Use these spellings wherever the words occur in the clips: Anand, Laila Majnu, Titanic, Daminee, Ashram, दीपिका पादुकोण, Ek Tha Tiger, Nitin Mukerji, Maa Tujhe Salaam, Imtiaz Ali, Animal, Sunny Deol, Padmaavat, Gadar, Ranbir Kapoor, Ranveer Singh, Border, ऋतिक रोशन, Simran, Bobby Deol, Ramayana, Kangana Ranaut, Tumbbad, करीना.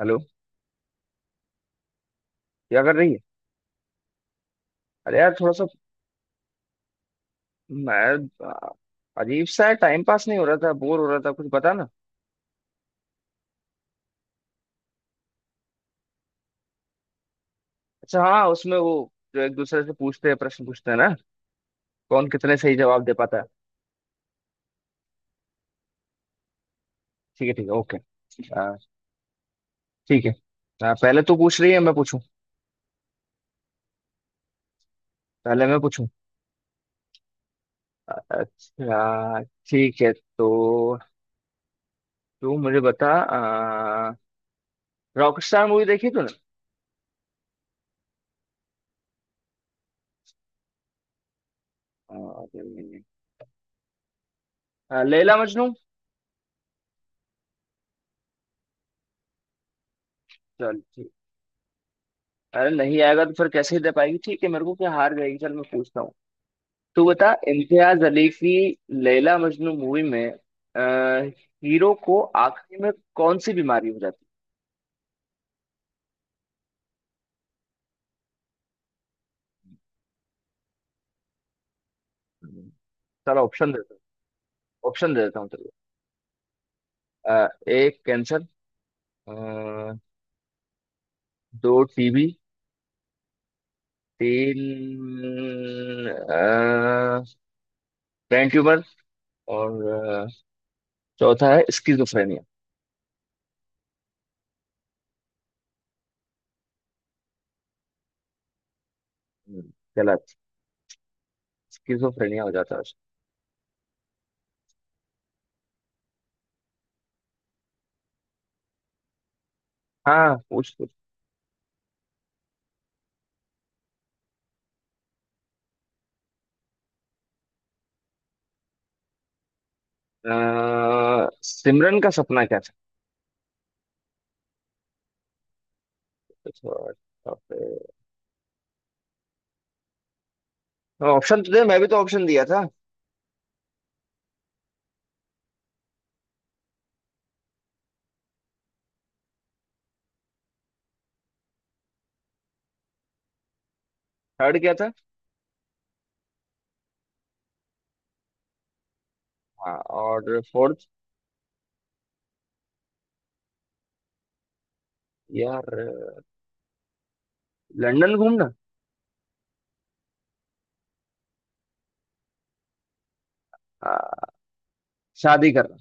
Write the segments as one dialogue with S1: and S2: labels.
S1: Hello. क्या कर रही है। अरे यार, थोड़ा सा मैं अजीब सा है, टाइम पास नहीं हो रहा था, बोर हो रहा था, कुछ बता ना। अच्छा हाँ, उसमें वो जो एक दूसरे से पूछते हैं प्रश्न पूछते हैं ना, कौन कितने सही जवाब दे पाता है। ठीक है, ठीक है, ओके। आ, ठीक है। पहले तू पूछ रही है मैं पूछूं, पहले मैं पूछूं। अच्छा, ठीक है तो तू मुझे बता। रॉक स्टार मूवी देखी तूने। आ, नहीं, लैला मजनू। चल ठीक। अरे नहीं आएगा तो फिर कैसे दे पाएगी, ठीक है, मेरे को क्या, हार जाएगी, चल मैं पूछता हूँ। तो बता, इम्तियाज अली की लैला मजनू मूवी में अ, हीरो को आखिरी में कौन सी बीमारी हो जाती है? चलो ऑप्शन देता हूँ, ऑप्शन दे देता हूँ, चलो। एक कैंसर, अ, दो टीबी, तीन ब्रेन ट्यूमर, और चौथा है स्किजोफ्रेनिया। हम्म, गलत। स्किजोफ्रेनिया हो जाता है उसे। हाँ पूछ पूछ। सिमरन का सपना क्या था? तो ऑप्शन तो दे, मैं भी तो ऑप्शन दिया था। थर्ड क्या था? हाँ और फोर्थ? यार लंदन घूमना। हाँ, शादी करना।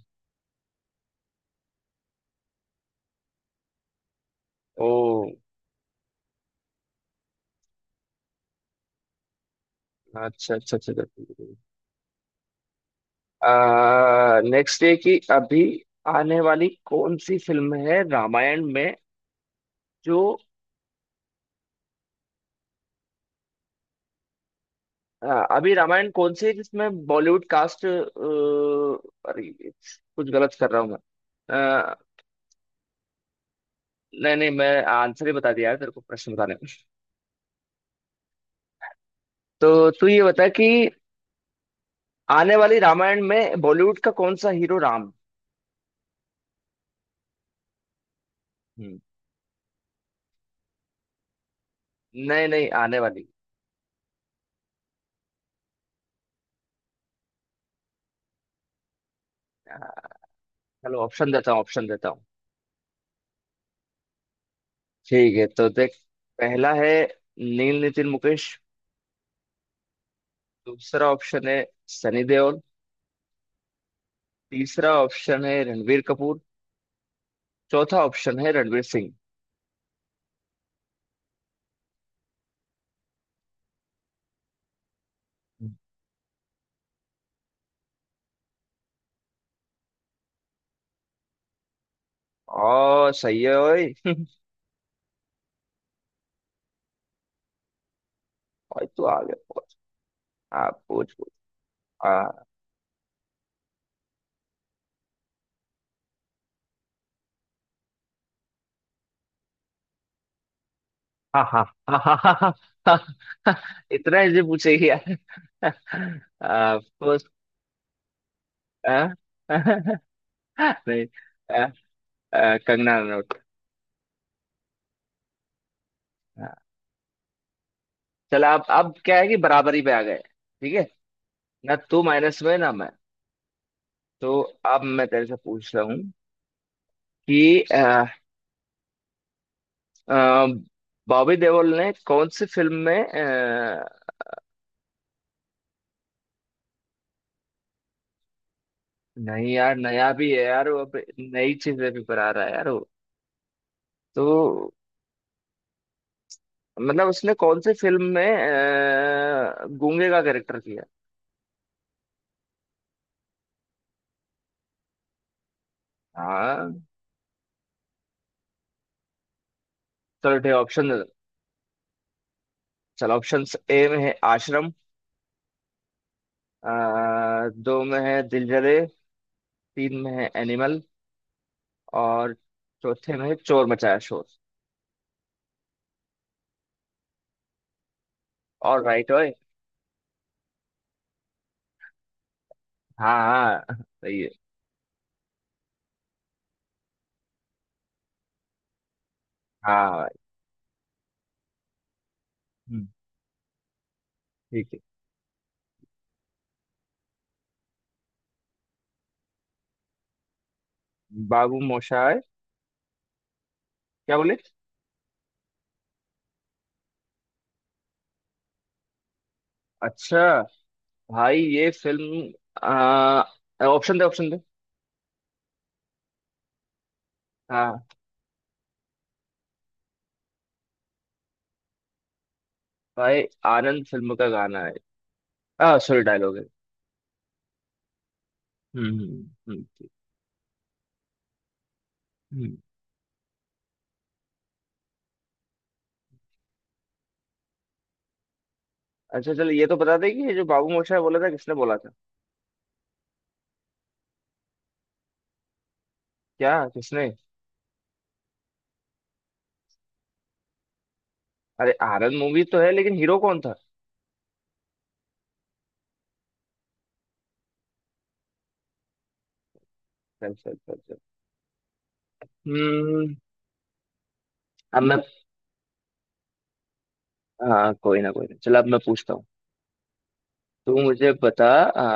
S1: ओ। अच्छा अच्छा अच्छा अच्छा। नेक्स्ट ये कि अभी आने वाली कौन सी फिल्म है रामायण में, जो अभी रामायण कौन सी है जिसमें बॉलीवुड कास्ट, अरे कुछ गलत कर रहा हूँ मैं। अ, नहीं नहीं, मैं आंसर ही बता दिया यार तेरे को प्रश्न बताने में। तो तू ये बता कि आने वाली रामायण में बॉलीवुड का कौन सा हीरो राम है? नहीं नहीं आने वाली। हाँ, चलो ऑप्शन देता हूँ, ऑप्शन देता हूँ। ठीक है, तो देख, पहला है नील नितिन मुकेश, दूसरा ऑप्शन है सनी देओल, तीसरा ऑप्शन है रणबीर कपूर, चौथा ऑप्शन है रणवीर सिंह। ओ सही है ओए ओए तू आगे पहुंच। आप पूछ पूछ। हाँ हाँ हाँ, हाँ हाँ, हाँ, हाँ, हाँ, इतना इजी पूछेगी यार? आपको। हाँ? नहीं। अ, कंगना रनौत। चल आप, अब क्या है कि बराबरी पे आ गए, ठीक है, ना तू माइनस में ना मैं। तो अब मैं तेरे से पूछ रहा हूँ कि अ, बॉबी देओल ने कौन सी फिल्म में नहीं यार नया भी है यार वो, अब नई चीजें भी पर आ रहा है यार वो। तो मतलब उसने कौन सी फिल्म में गूंगे का कैरेक्टर किया? हाँ चलो ठीक, ऑप्शन दे दो। चलो ऑप्शन, ए में है आश्रम, दो में है दिल जले, तीन में है एनिमल, और चौथे में चोर मचाया शोर। और राइट ओए। हाँ हाँ सही है। हाँ भाई। हम्म, ठीक है। बाबू मोशाय क्या बोले? अच्छा, भाई ये फिल्म आ, ऑप्शन दे ऑप्शन दे। हाँ भाई आनंद फिल्म का गाना है, आ सॉरी डायलॉग है। ठीक, हम्म। अच्छा चलो ये तो बता दे कि ये जो बाबू मोशाय बोला था किसने बोला था? क्या किसने? अरे आनंद मूवी तो है लेकिन हीरो कौन था? चल चल चल चल। हम्म अब मैं, हाँ कोई ना कोई ना, चलो अब मैं पूछता हूँ। तू मुझे बता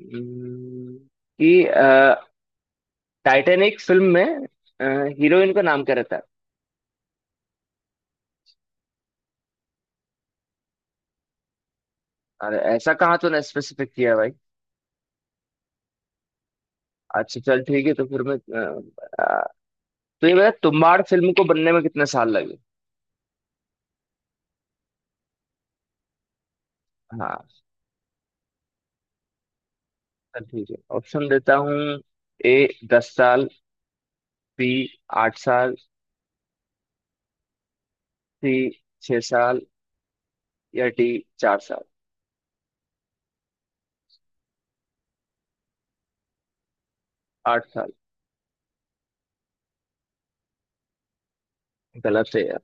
S1: हम्म, कि टाइटैनिक फिल्म में हीरोइन का नाम क्या रहता है? अरे ऐसा कहाँ तूने स्पेसिफिक किया भाई? अच्छा चल ठीक है तो फिर मैं तो ये बता तुम्बाड़ फिल्म को बनने में कितने साल लगे? हाँ चल ठीक है ऑप्शन देता हूँ। ए 10 साल, बी 8 साल, सी 6 साल, या डी 4 साल। 8 साल गलत है यार,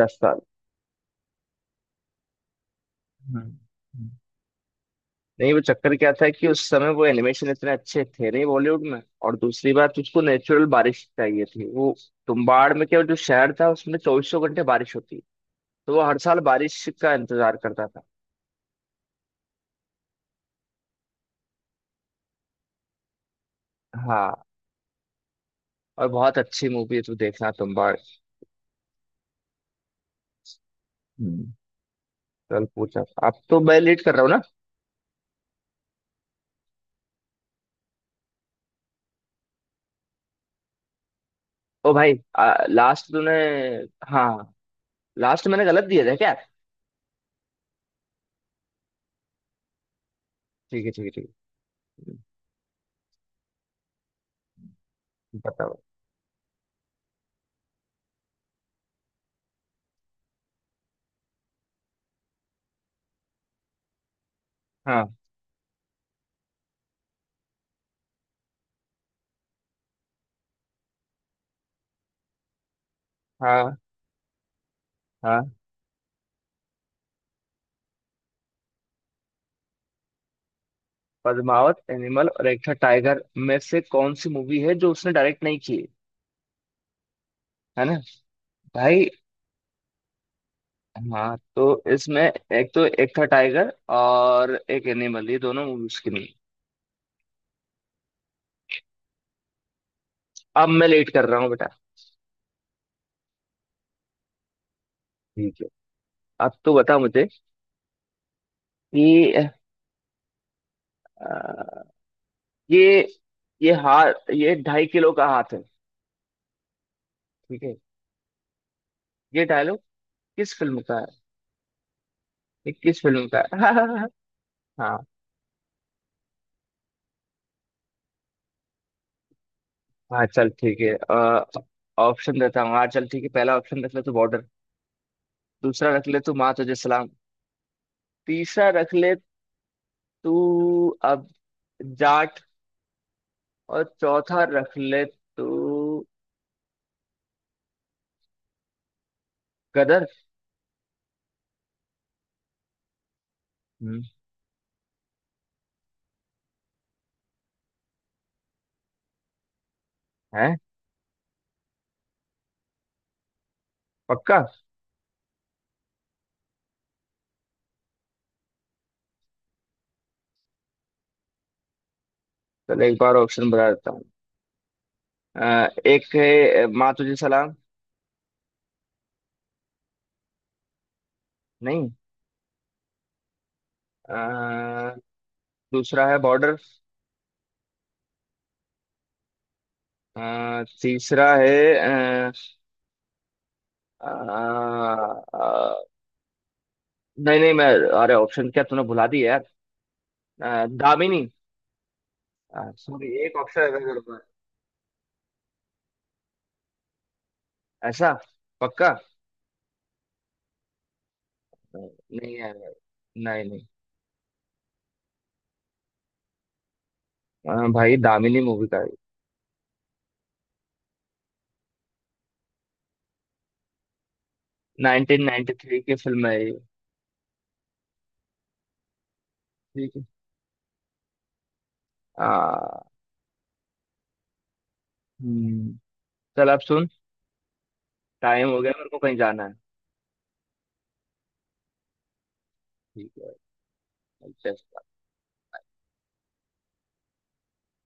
S1: 10 साल। हम्म नहीं, वो चक्कर क्या था कि उस समय वो एनिमेशन इतने अच्छे थे नहीं बॉलीवुड में, और दूसरी बात उसको नेचुरल बारिश चाहिए थी वो। तुम्बाड़ में क्या, जो शहर था उसमें चौबीसों घंटे बारिश होती, तो वो हर साल बारिश का इंतजार करता था। हाँ और बहुत अच्छी मूवी है, तू देखना तुम्बाड़। हम्म, चल पूछा, अब तो मैं लेट कर रहा हूँ ना। ओ भाई लास्ट तूने, हाँ लास्ट मैंने गलत दिया था क्या? ठीक है, ठीक है, ठीक है बताओ। हाँ हाँ हाँ। पद्मावत, एनिमल, और एक था टाइगर में से कौन सी मूवी है जो उसने डायरेक्ट नहीं की है ना? भाई हाँ, तो इसमें एक तो एक था टाइगर और एक एनिमल, ये दोनों मूवी उसकी नहीं। अब मैं लेट कर रहा हूँ बेटा। ठीक है। अब तो बता मुझे कि अ, ये ये हाथ, ये ढाई किलो का हाथ है। ठीक है। ये डायलॉग किस फिल्म का है? ये किस फिल्म का है हाँ। हाँ चल ठीक है, ऑप्शन देता हूँ। हाँ चल ठीक है, पहला ऑप्शन देख ले, तो बॉर्डर, दूसरा रख ले तू माँ तुझे सलाम, तीसरा रख ले तू, अब जाट, और चौथा रख ले तू गदर। हम्म, है। पक्का। चल एक बार ऑप्शन बता देता हूँ। एक है माँ तुझे सलाम। नहीं। अ, दूसरा है बॉर्डर। तीसरा है अ, अ, अ, नहीं नहीं, मैं, अरे ऑप्शन क्या तूने भुला दी यार? दामिनी। सॉरी एक ऑप्शन। ऐसा। पक्का। नहीं यार। नहीं नहीं। हाँ भाई दामिनी मूवी का है, 1993 की फिल्म है ये। ठीक है। आ, हम्म चल अब सुन, टाइम हो गया मेरे को कहीं जाना है। ठीक है चल।